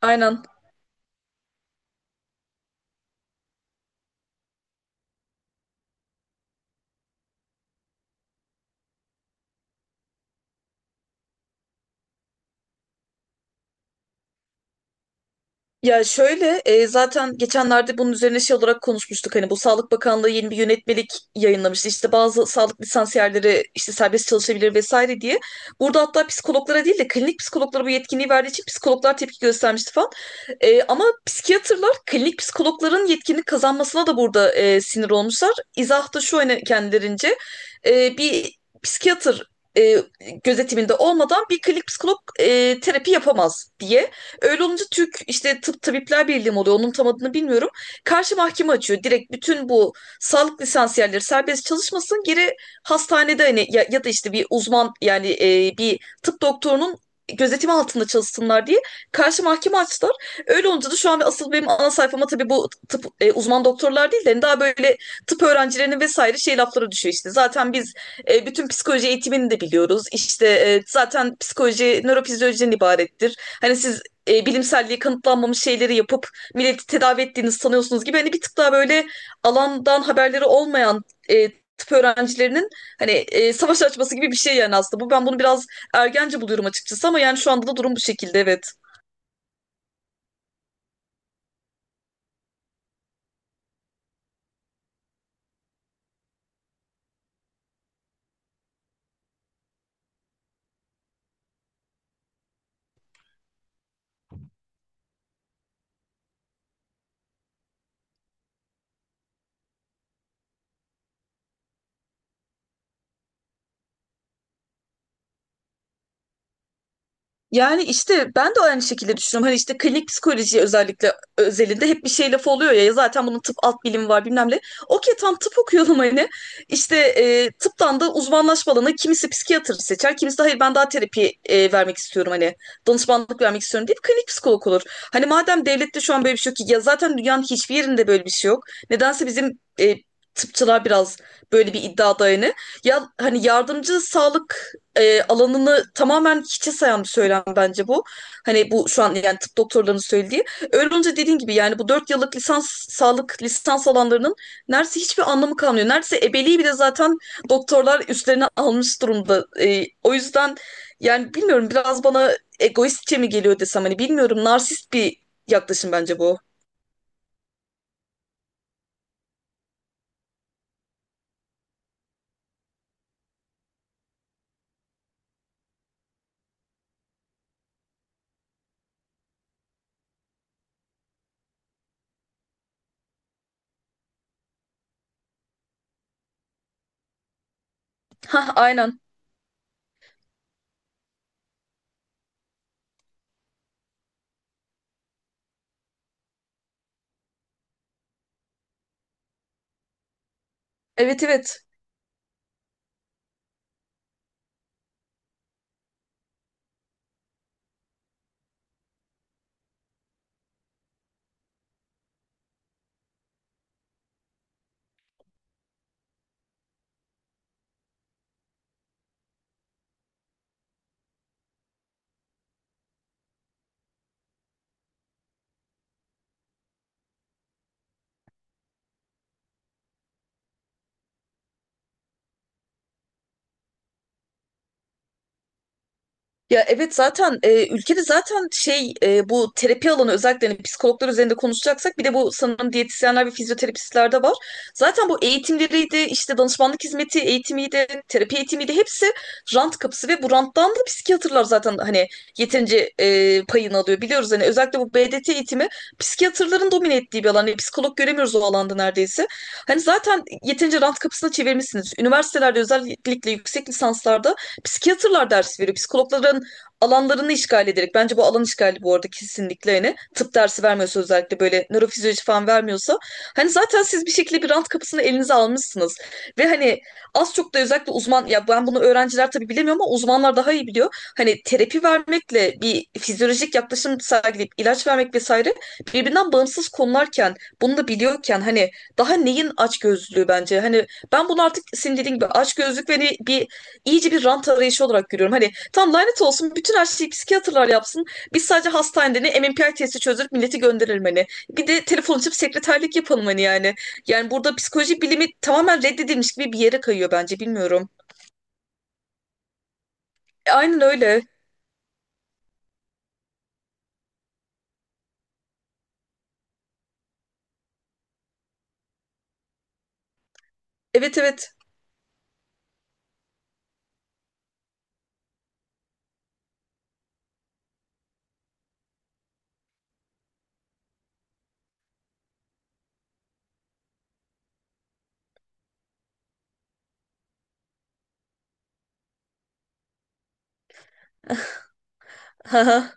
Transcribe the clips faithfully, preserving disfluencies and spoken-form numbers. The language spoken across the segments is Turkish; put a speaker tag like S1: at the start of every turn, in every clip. S1: Aynen. Ya şöyle e, zaten geçenlerde bunun üzerine şey olarak konuşmuştuk. Hani bu Sağlık Bakanlığı yeni bir yönetmelik yayınlamıştı. İşte bazı sağlık lisansiyerleri işte serbest çalışabilir vesaire diye. Burada hatta psikologlara değil de klinik psikologlara bu yetkinliği verdiği için psikologlar tepki göstermişti falan. E, ama psikiyatrlar klinik psikologların yetkinlik kazanmasına da burada e, sinir olmuşlar. İzah da şu hani kendilerince e, bir psikiyatr e, gözetiminde olmadan bir klinik psikolog e, terapi yapamaz diye. Öyle olunca Türk işte Tıp Tabipler Birliği mi oluyor onun tam adını bilmiyorum. Karşı mahkeme açıyor. Direkt bütün bu sağlık lisansiyerleri serbest çalışmasın. Geri hastanede hani ya, ya da işte bir uzman yani e, bir tıp doktorunun gözetimi altında çalışsınlar diye karşı mahkeme açtılar. Öyle olunca da şu an asıl benim ana sayfama tabii bu tıp e, uzman doktorlar değil de hani daha böyle tıp öğrencilerinin vesaire şey lafları düşüyor işte. Zaten biz e, bütün psikoloji eğitimini de biliyoruz. İşte e, zaten psikoloji nörofizyolojiden ibarettir. Hani siz e, bilimselliği kanıtlanmamış şeyleri yapıp milleti tedavi ettiğiniz sanıyorsunuz gibi hani bir tık daha böyle alandan haberleri olmayan e, tıp öğrencilerinin hani e, savaş açması gibi bir şey yani aslında bu ben bunu biraz ergence buluyorum açıkçası ama yani şu anda da durum bu şekilde evet. Yani işte ben de aynı şekilde düşünüyorum. Hani işte klinik psikoloji özellikle özelinde hep bir şey lafı oluyor ya. Ya zaten bunun tıp alt bilimi var bilmem ne. Okey tam tıp okuyorum hani. İşte e, tıptan da uzmanlaşma alanı kimisi psikiyatr seçer. Kimisi de hayır ben daha terapi e, vermek istiyorum hani. Danışmanlık vermek istiyorum deyip klinik psikolog olur. Hani madem devlette şu an böyle bir şey yok ki. Ya zaten dünyanın hiçbir yerinde böyle bir şey yok. Nedense bizim e, tıpçılar biraz böyle bir iddiada yani. Ya hani yardımcı sağlık e, alanını tamamen hiçe sayan bir söylem bence bu. Hani bu şu an yani tıp doktorlarının söylediği. Öyle olunca dediğin gibi yani bu dört yıllık lisans sağlık lisans alanlarının neredeyse hiçbir anlamı kalmıyor. Neredeyse ebeliği bile zaten doktorlar üstlerine almış durumda. E, o yüzden yani bilmiyorum biraz bana egoistçe mi geliyor desem hani bilmiyorum narsist bir yaklaşım bence bu. Ha aynen. Evet evet. Ya evet zaten e, ülkede zaten şey e, bu terapi alanı özellikle hani psikologlar üzerinde konuşacaksak bir de bu sanırım diyetisyenler ve fizyoterapistlerde var. Zaten bu eğitimleriydi işte danışmanlık hizmeti eğitimiydi terapi eğitimiydi hepsi rant kapısı ve bu ranttan da psikiyatrlar zaten hani yeterince e, payını alıyor. Biliyoruz hani özellikle bu B D T eğitimi psikiyatrların domine ettiği bir alan. Hani psikolog göremiyoruz o alanda neredeyse. Hani zaten yeterince rant kapısına çevirmişsiniz. Üniversitelerde özellikle yüksek lisanslarda psikiyatrlar ders veriyor. Psikologlara alanlarını işgal ederek bence bu alan işgali bu arada kesinlikle hani tıp dersi vermiyorsa özellikle böyle nörofizyoloji falan vermiyorsa hani zaten siz bir şekilde bir rant kapısını elinize almışsınız ve hani az çok da özellikle uzman ya ben bunu öğrenciler tabii bilemiyor ama uzmanlar daha iyi biliyor. Hani terapi vermekle bir fizyolojik yaklaşım sergileyip ilaç vermek vesaire birbirinden bağımsız konularken bunu da biliyorken hani daha neyin açgözlülüğü bence hani ben bunu artık senin dediğin gibi açgözlük ve hani bir iyice bir rant arayışı olarak görüyorum. Hani tam lanet olsun bütün her şeyi psikiyatrlar yapsın. Biz sadece hastanede ne M M P I testi çözdürüp milleti gönderelim hani. Bir de telefon açıp sekreterlik yapalım hani yani. Yani burada psikoloji bilimi tamamen reddedilmiş gibi bir yere kayıyor bence bilmiyorum. E, aynen öyle. Evet evet. Haha.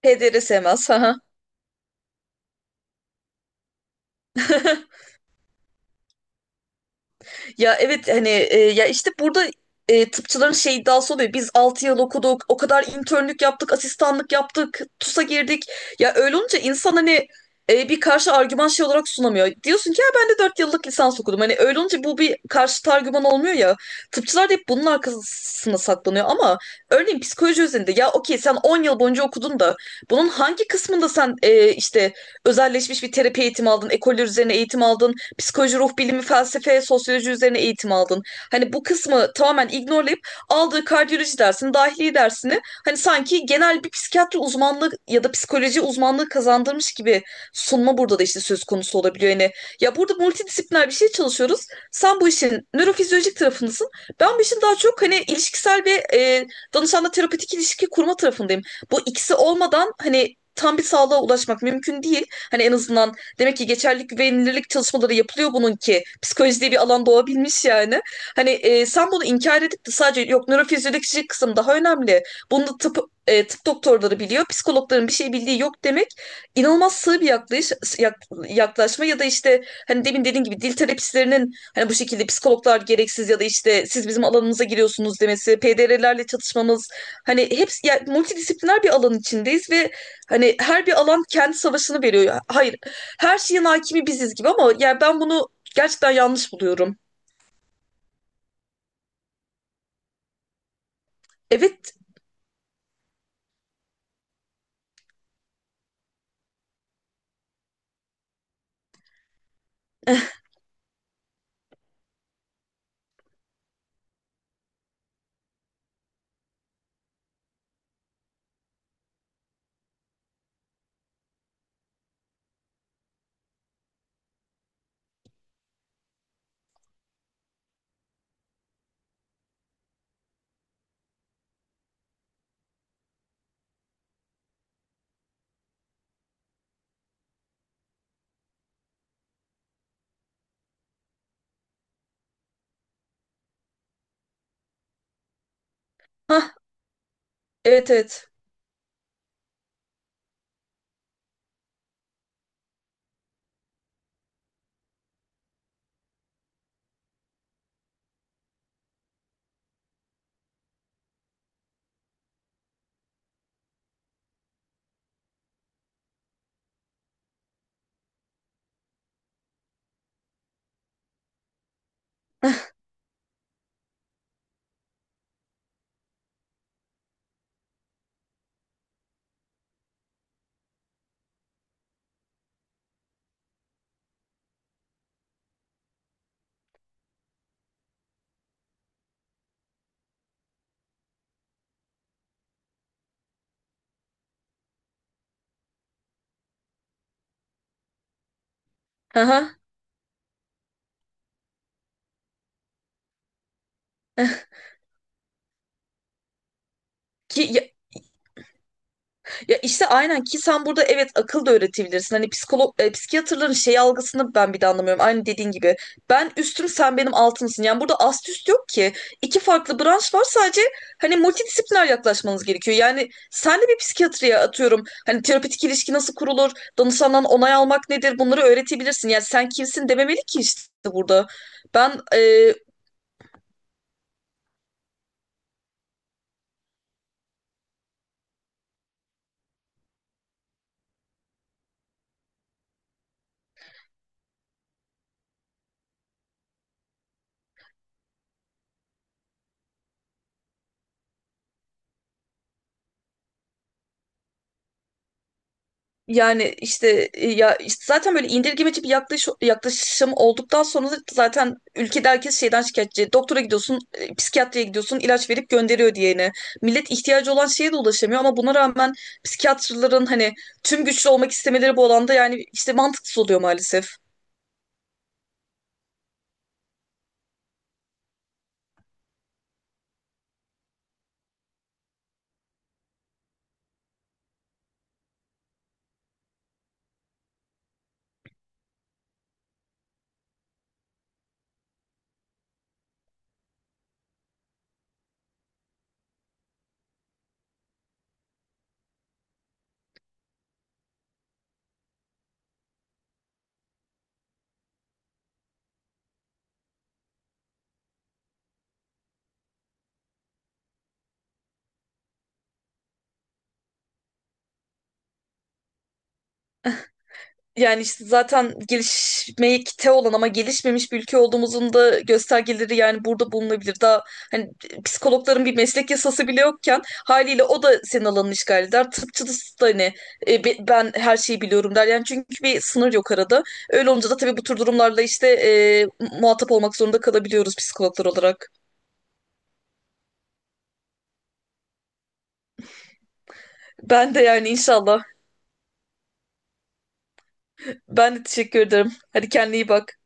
S1: P D R sevmez. Haha. Ya evet hani e, ya işte burada e, tıpçıların şey iddiası oluyor. Biz altı yıl okuduk, o kadar internlük yaptık, asistanlık yaptık, TUS'a girdik. Ya öyle olunca insan hani e, bir karşı argüman şey olarak sunamıyor. Diyorsun ki ya ben de dört yıllık lisans okudum. Hani öyle olunca bu bir karşı argüman olmuyor ya. Tıpçılar da hep bunun arkasına saklanıyor ama örneğin psikoloji üzerinde ya okey sen on yıl boyunca okudun da bunun hangi kısmında sen e, işte özelleşmiş bir terapi eğitimi aldın, ekoller üzerine eğitim aldın, psikoloji, ruh bilimi, felsefe, sosyoloji üzerine eğitim aldın. Hani bu kısmı tamamen ignorlayıp aldığı kardiyoloji dersini, dahiliye dersini hani sanki genel bir psikiyatri uzmanlığı ya da psikoloji uzmanlığı kazandırmış gibi sunma burada da işte söz konusu olabiliyor. Yani ya burada multidisipliner bir şey çalışıyoruz. Sen bu işin nörofizyolojik tarafındasın. Ben bu işin daha çok hani ilişkisel ve e, danışanla terapetik ilişki kurma tarafındayım. Bu ikisi olmadan hani tam bir sağlığa ulaşmak mümkün değil. Hani en azından demek ki geçerlilik güvenilirlik çalışmaları yapılıyor bunun ki. Psikoloji diye bir alan doğabilmiş yani. Hani e, sen bunu inkar edip de sadece yok nörofizyolojik kısım daha önemli. Bunu da tıp, e, tıp doktorları biliyor. Psikologların bir şey bildiği yok demek inanılmaz sığ bir yaklayış, yak- yaklaşma ya da işte hani demin dediğin gibi dil terapistlerinin hani bu şekilde psikologlar gereksiz ya da işte siz bizim alanımıza giriyorsunuz demesi, P D R'lerle çatışmamız hani hepsi yani multidisipliner bir alan içindeyiz ve hani her bir alan kendi savaşını veriyor. Hayır her şeyin hakimi biziz gibi ama yani ben bunu gerçekten yanlış buluyorum. Evet. Hah, evet evet. Aha. Ki ya işte aynen ki sen burada evet akıl da öğretebilirsin. Hani psikolog e, psikiyatrların şey algısını ben bir de anlamıyorum. Aynı dediğin gibi. Ben üstüm sen benim altımsın. Yani burada ast üst yok ki. İki farklı branş var sadece hani multidisipliner yaklaşmanız gerekiyor. Yani sen de bir psikiyatriye atıyorum. Hani terapötik ilişki nasıl kurulur? Danışandan onay almak nedir? Bunları öğretebilirsin. Yani sen kimsin dememeli ki işte burada. Ben e, Yani işte e, ya işte zaten böyle indirgemeci bir yaklaş, yaklaşım olduktan sonra da zaten ülkede herkes şeyden şikayetçi. Doktora gidiyorsun, e, psikiyatriye gidiyorsun, ilaç verip gönderiyor diyene. Millet ihtiyacı olan şeye de ulaşamıyor ama buna rağmen psikiyatrların hani tüm güçlü olmak istemeleri bu alanda yani işte mantıksız oluyor maalesef. Yani işte zaten gelişmekte olan ama gelişmemiş bir ülke olduğumuzun da göstergeleri yani burada bulunabilir. Daha hani psikologların bir meslek yasası bile yokken haliyle o da senin alanını işgal eder. Tıpçısı da hani e, be- ben her şeyi biliyorum der. Yani çünkü bir sınır yok arada. Öyle olunca da tabii bu tür durumlarla işte e, muhatap olmak zorunda kalabiliyoruz psikologlar olarak. Ben de yani inşallah. Ben de teşekkür ederim. Hadi kendine iyi bak.